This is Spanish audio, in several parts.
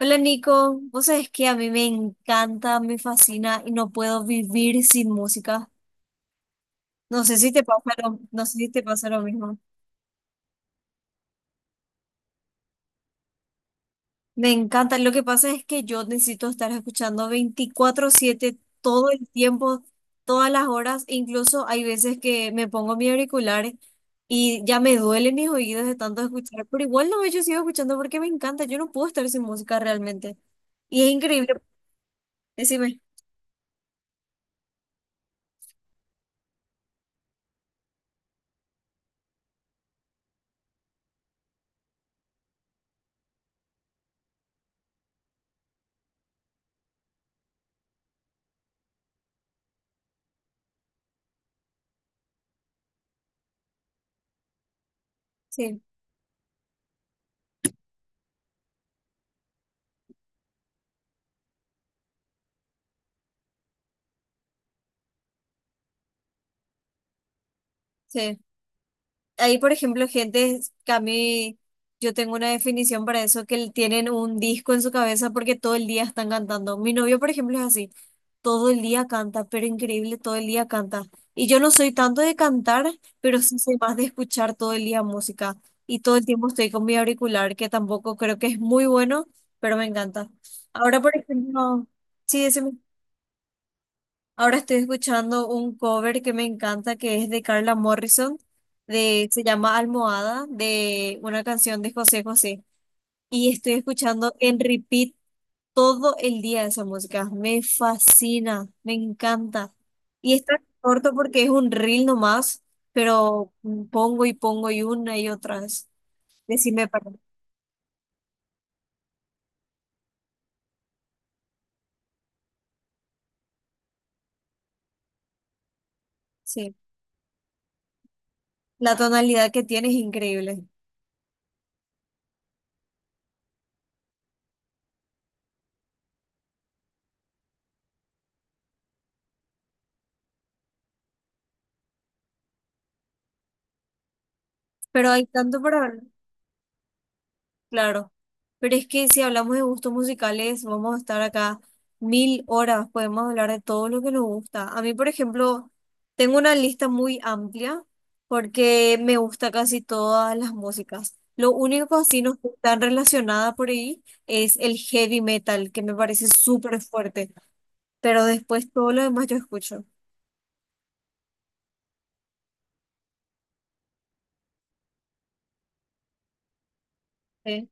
Hola Nico, vos sabés que a mí me encanta, me fascina y no puedo vivir sin música. No sé si te pasa lo mismo. Me encanta, lo que pasa es que yo necesito estar escuchando 24/7 todo el tiempo, todas las horas, incluso hay veces que me pongo mi auricular y ya me duelen mis oídos de tanto escuchar, pero igual no, yo sigo escuchando porque me encanta, yo no puedo estar sin música realmente. Y es increíble, decime, sí, sí. Hay, por ejemplo, gente que a mí, yo tengo una definición para eso, tienen un disco en su cabeza porque todo el día están cantando. Mi novio, por ejemplo, es así, todo el día canta, pero increíble, todo el día canta. Y yo no soy tanto de cantar, pero sí soy más de escuchar todo el día música. Y todo el tiempo estoy con mi auricular, que tampoco creo que es muy bueno, pero me encanta. Ahora, por ejemplo, sí, ahora estoy escuchando un cover que me encanta, que es de Carla Morrison, de, se llama Almohada, de una canción de José José. Y estoy escuchando en repeat todo el día esa música. Me fascina, me encanta. Y está corto porque es un reel nomás, pero pongo y pongo y una y otra vez. Decime, perdón. Sí, la tonalidad que tiene es increíble. Pero hay tanto para ver, claro. Pero es que si hablamos de gustos musicales, vamos a estar acá mil horas, podemos hablar de todo lo que nos gusta. A mí, por ejemplo, tengo una lista muy amplia porque me gusta casi todas las músicas. Lo único que así no está relacionada por ahí es el heavy metal, que me parece súper fuerte, pero después todo lo demás yo escucho. Sí.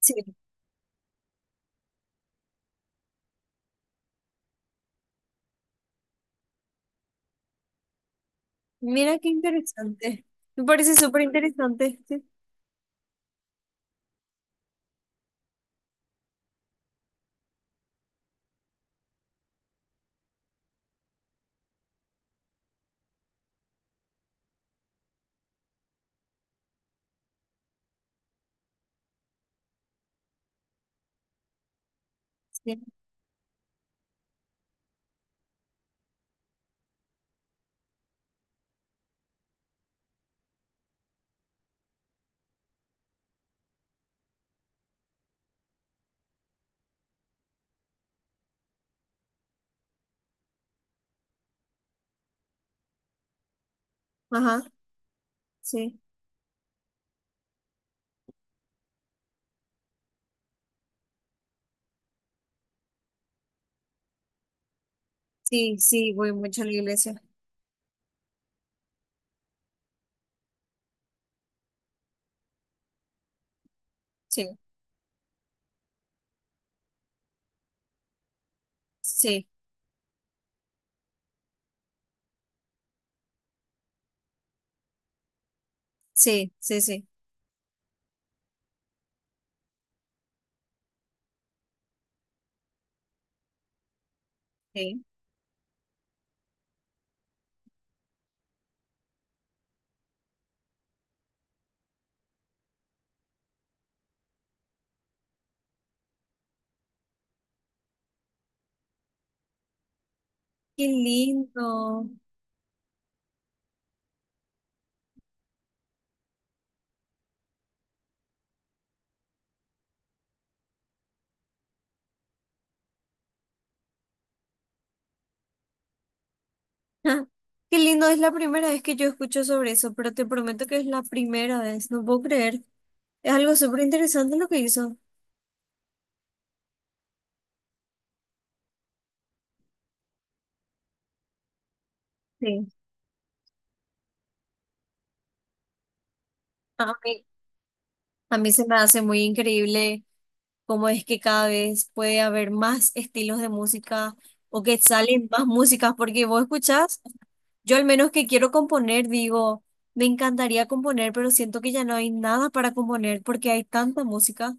Sí. Mira qué interesante. Me parece súper interesante. Sí. Sí. Ajá, sí. Sí, sí, voy mucho a la iglesia. Sí. Sí, sí, sí, sí, sí. Qué lindo. Ah, qué lindo, es la primera vez que yo escucho sobre eso, pero te prometo que es la primera vez, no puedo creer. Es algo súper interesante lo que hizo. Sí. A mí, a mí se me hace muy increíble cómo es que cada vez puede haber más estilos de música o que salen más músicas, porque vos escuchás, yo al menos que quiero componer, digo, me encantaría componer, pero siento que ya no hay nada para componer porque hay tanta música.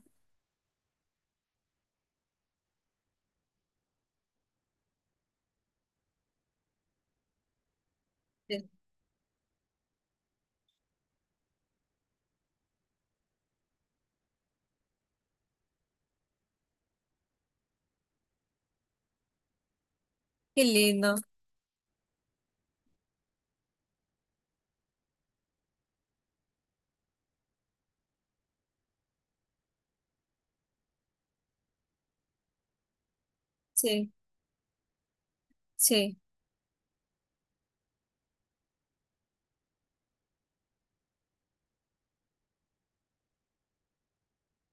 Qué lindo, sí, sí,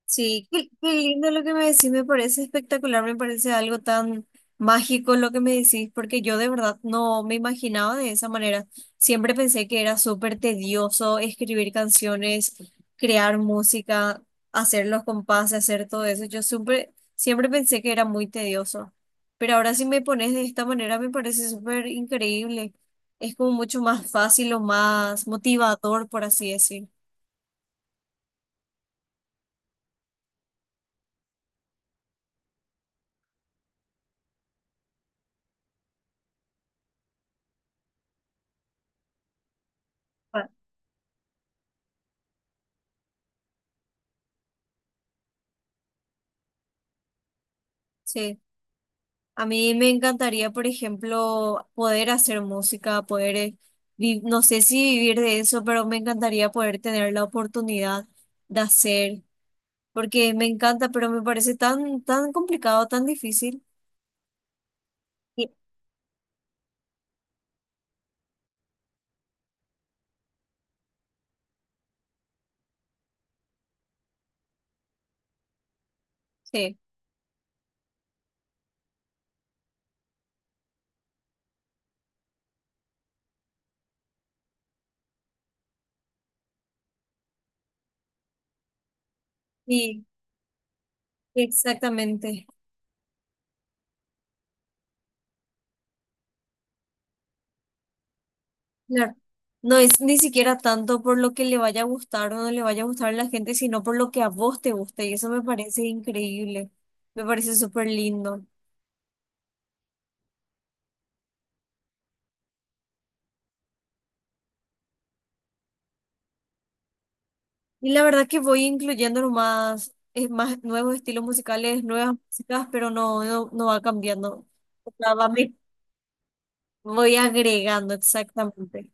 sí, qué, qué lindo lo que me decís, me parece espectacular, me parece algo tan mágico lo que me decís, porque yo de verdad no me imaginaba de esa manera. Siempre pensé que era súper tedioso escribir canciones, crear música, hacer los compases, hacer todo eso. Yo siempre pensé que era muy tedioso, pero ahora si me pones de esta manera me parece súper increíble. Es como mucho más fácil o más motivador, por así decir. Ah, sí. A mí me encantaría, por ejemplo, poder hacer música, poder, no sé si vivir de eso, pero me encantaría poder tener la oportunidad de hacer, porque me encanta, pero me parece tan complicado, tan difícil. Y- Sí, sí, exactamente. Claro. No es ni siquiera tanto por lo que le vaya a gustar o no le vaya a gustar a la gente, sino por lo que a vos te guste, y eso me parece increíble, me parece súper lindo. Y la verdad que voy incluyendo nomás es más nuevos estilos musicales, nuevas músicas, pero no, no, no va cambiando. O sea, voy agregando exactamente.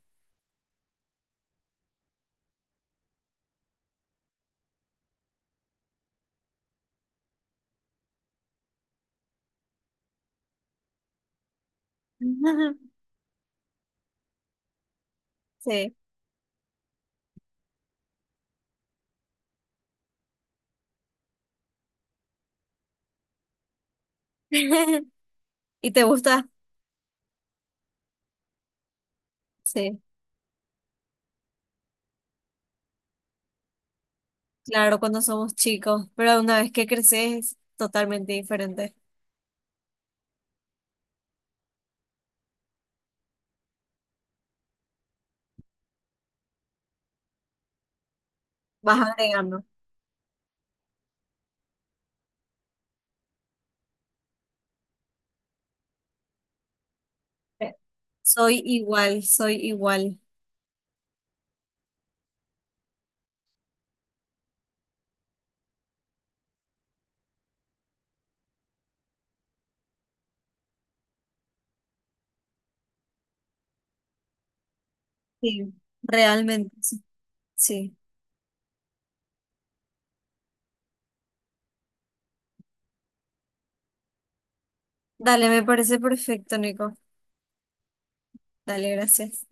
Sí. ¿Y te gusta? Sí, claro, cuando somos chicos, pero una vez que creces es totalmente diferente. Vas agregando. Sí. Soy igual, soy igual. Sí, realmente, sí. Sí. Dale, me parece perfecto, Nico. Dale, gracias.